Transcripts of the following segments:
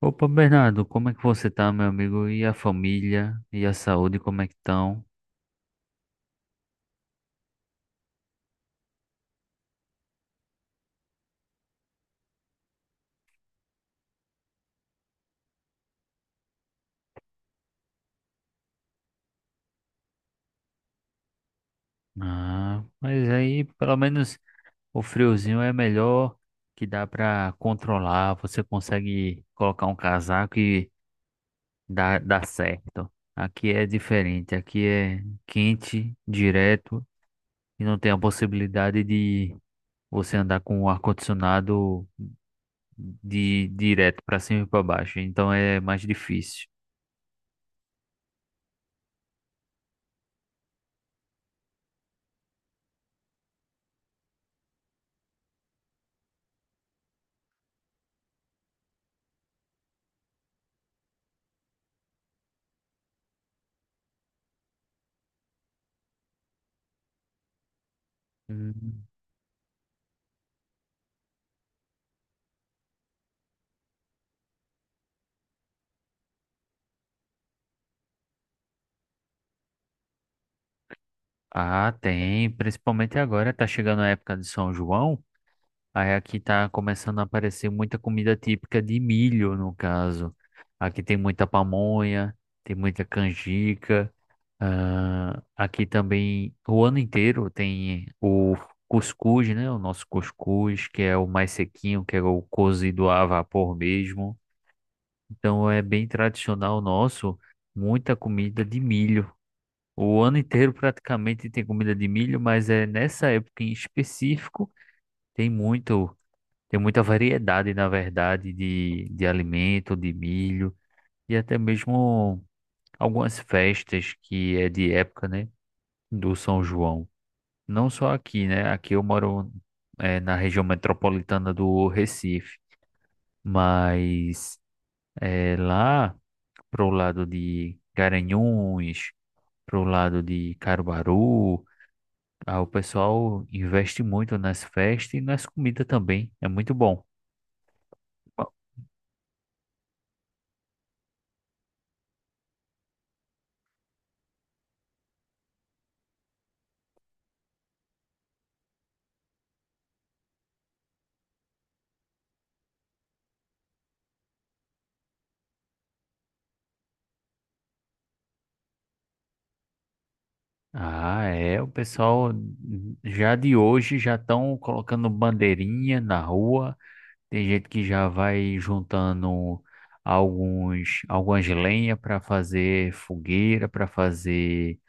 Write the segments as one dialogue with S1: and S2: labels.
S1: Opa, Bernardo, como é que você tá, meu amigo? E a família? E a saúde, como é que estão? Ah, mas aí pelo menos o friozinho é melhor que dá pra controlar. Você consegue colocar um casaco e dá certo. Aqui é diferente, aqui é quente, direto, e não tem a possibilidade de você andar com o ar-condicionado de direto pra cima e pra baixo. Então é mais difícil. Hum. Ah, tem, principalmente agora, tá chegando a época de São João, aí aqui tá começando a aparecer muita comida típica de milho, no caso. Aqui tem muita pamonha, tem muita canjica, ah, aqui também o ano inteiro tem o cuscuz, né? O nosso cuscuz, que é o mais sequinho, que é o cozido a vapor mesmo. Então é bem tradicional nosso, muita comida de milho. O ano inteiro praticamente tem comida de milho, mas é nessa época em específico tem muito, tem muita variedade, na verdade, de alimento, de milho e até mesmo algumas festas que é de época, né, do São João. Não só aqui, né? Aqui eu moro na região metropolitana do Recife, mas lá pro lado de Garanhuns, pro lado de Caruaru. Ah, o pessoal investe muito nas festas e nas comidas também. É muito bom. Ah, é. O pessoal já de hoje já estão colocando bandeirinha na rua. Tem gente que já vai juntando algumas lenha para fazer fogueira, para fazer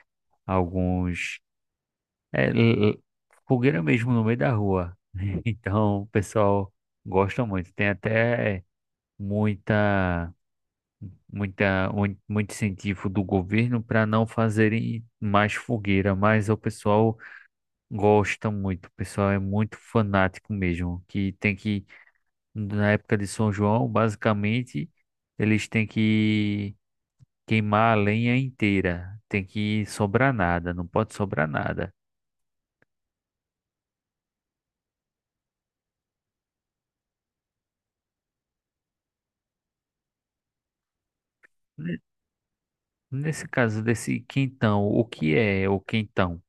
S1: alguns é, l- l- fogueira mesmo no meio da rua. Então, o pessoal gosta muito. Tem até muita muito incentivo do governo para não fazerem mais fogueira, mas o pessoal gosta muito, o pessoal é muito fanático mesmo, que tem que, na época de São João, basicamente, eles têm que queimar a lenha inteira, tem que sobrar nada, não pode sobrar nada. Ne- Nesse caso desse quentão, o que é o quentão?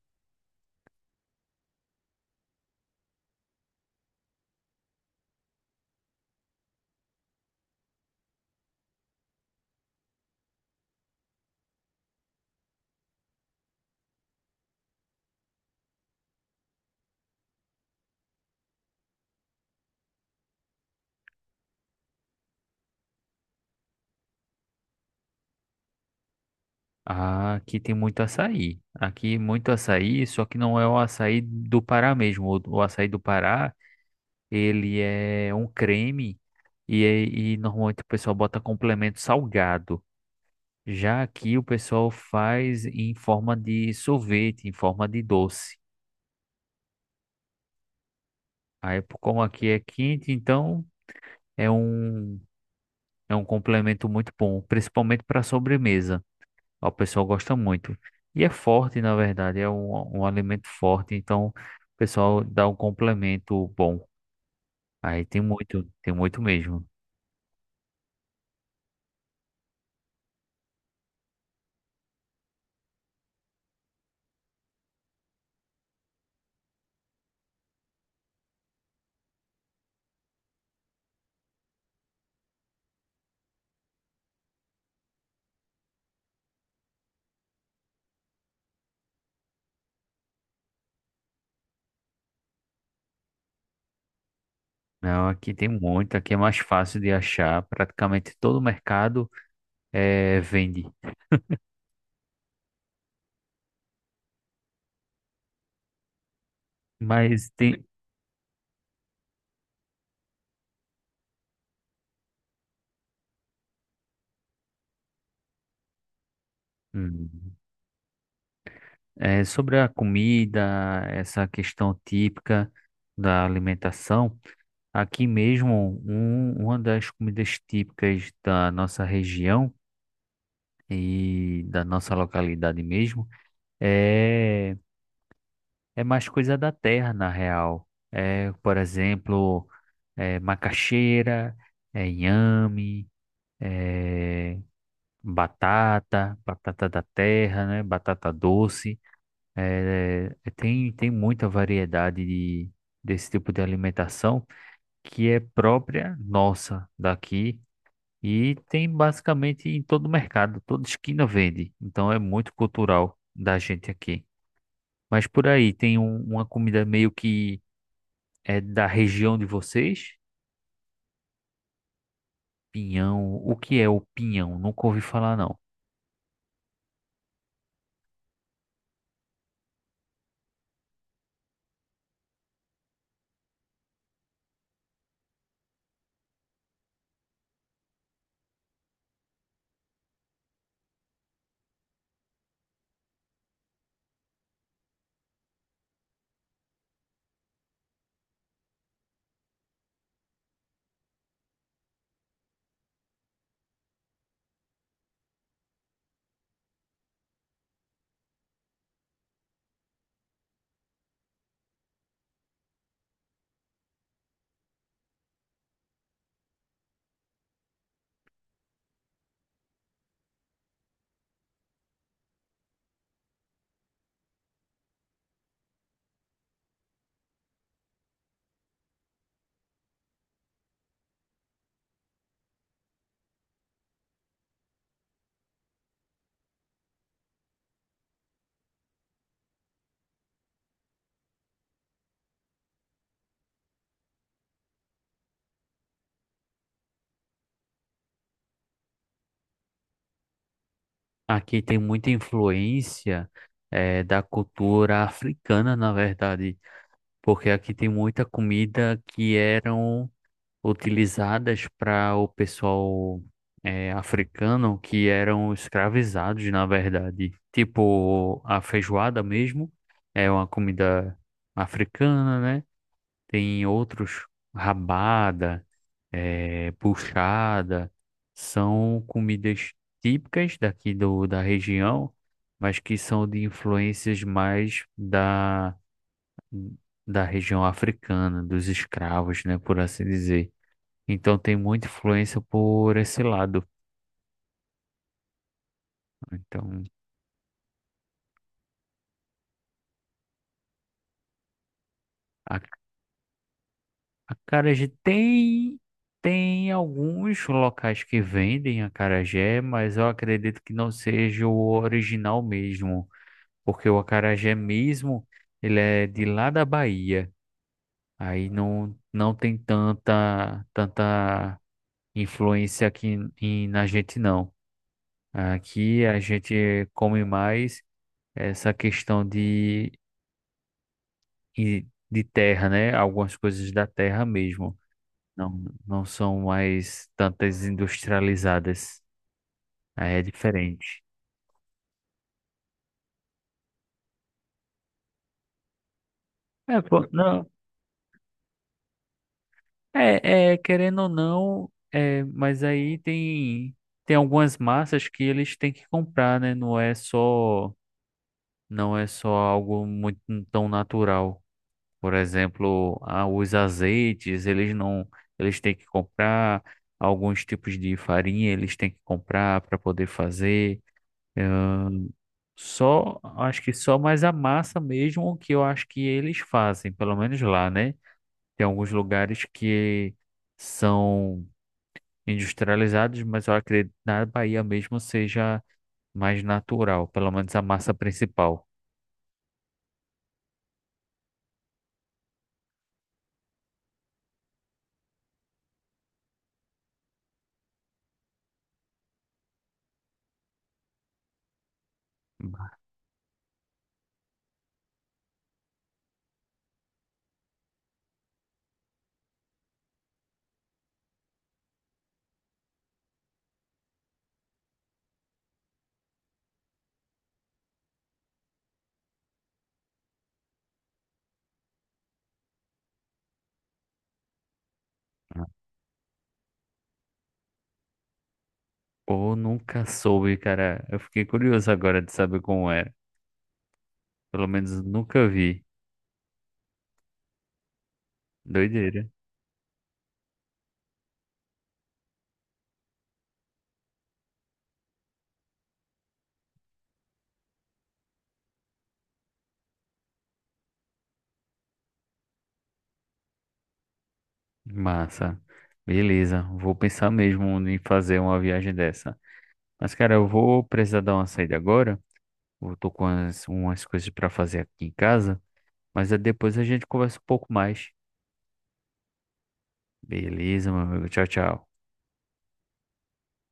S1: Ah, aqui tem muito açaí. Aqui muito açaí, só que não é o açaí do Pará mesmo. O açaí do Pará, ele é um creme e, e normalmente o pessoal bota complemento salgado. Já aqui o pessoal faz em forma de sorvete, em forma de doce. Aí, como aqui é quente, então é um, é um complemento muito bom, principalmente para sobremesa. O pessoal gosta muito. E é forte, na verdade, é um, um alimento forte, então o pessoal dá um complemento bom. Aí tem muito mesmo. Não, aqui tem muito, aqui é mais fácil de achar, praticamente todo mercado vende. Mas tem hum, sobre a comida, essa questão típica da alimentação, aqui mesmo um, uma das comidas típicas da nossa região e da nossa localidade mesmo, é, é mais coisa da terra, na real. É, por exemplo, é, macaxeira, é inhame, é, batata, batata da terra, né? Batata doce. É, é, tem, tem muita variedade de, desse tipo de alimentação que é própria nossa daqui. E tem basicamente em todo mercado, toda esquina vende. Então é muito cultural da gente aqui. Mas por aí tem uma comida meio que é da região de vocês? Pinhão. O que é o pinhão? Nunca ouvi falar, não. Aqui tem muita influência é, da cultura africana, na verdade. Porque aqui tem muita comida que eram utilizadas para o pessoal é, africano que eram escravizados, na verdade. Tipo, a feijoada mesmo é uma comida africana, né? Tem outros, rabada, é, puxada, são comidas típicas daqui do, da região, mas que são de influências mais da, da região africana, dos escravos, né? Por assim dizer. Então tem muita influência por esse lado. Então a acarajé tem tem alguns locais que vendem acarajé, mas eu acredito que não seja o original mesmo, porque o acarajé mesmo ele é de lá da Bahia. Aí não tem tanta influência aqui em, na gente não. Aqui a gente come mais essa questão de e de terra, né? Algumas coisas da terra mesmo. Não, não são mais tantas industrializadas. Aí é diferente. É, pô, não. É, é, querendo ou não, é, mas aí tem tem algumas massas que eles têm que comprar, né? Não é só algo muito tão natural. Por exemplo, ah, os azeites, eles não eles têm que comprar alguns tipos de farinha, eles têm que comprar para poder fazer. É, só, acho que só mais a massa mesmo o que eu acho que eles fazem, pelo menos lá, né? Tem alguns lugares que são industrializados, mas eu acredito que na Bahia mesmo seja mais natural, pelo menos a massa principal. Ou nunca soube, cara. Eu fiquei curioso agora de saber como era. Pelo menos nunca vi. Doideira. Massa. Beleza, vou pensar mesmo em fazer uma viagem dessa. Mas, cara, eu vou precisar dar uma saída agora. Eu tô com umas, umas coisas para fazer aqui em casa, mas é depois a gente conversa um pouco mais. Beleza, meu amigo. Tchau, tchau.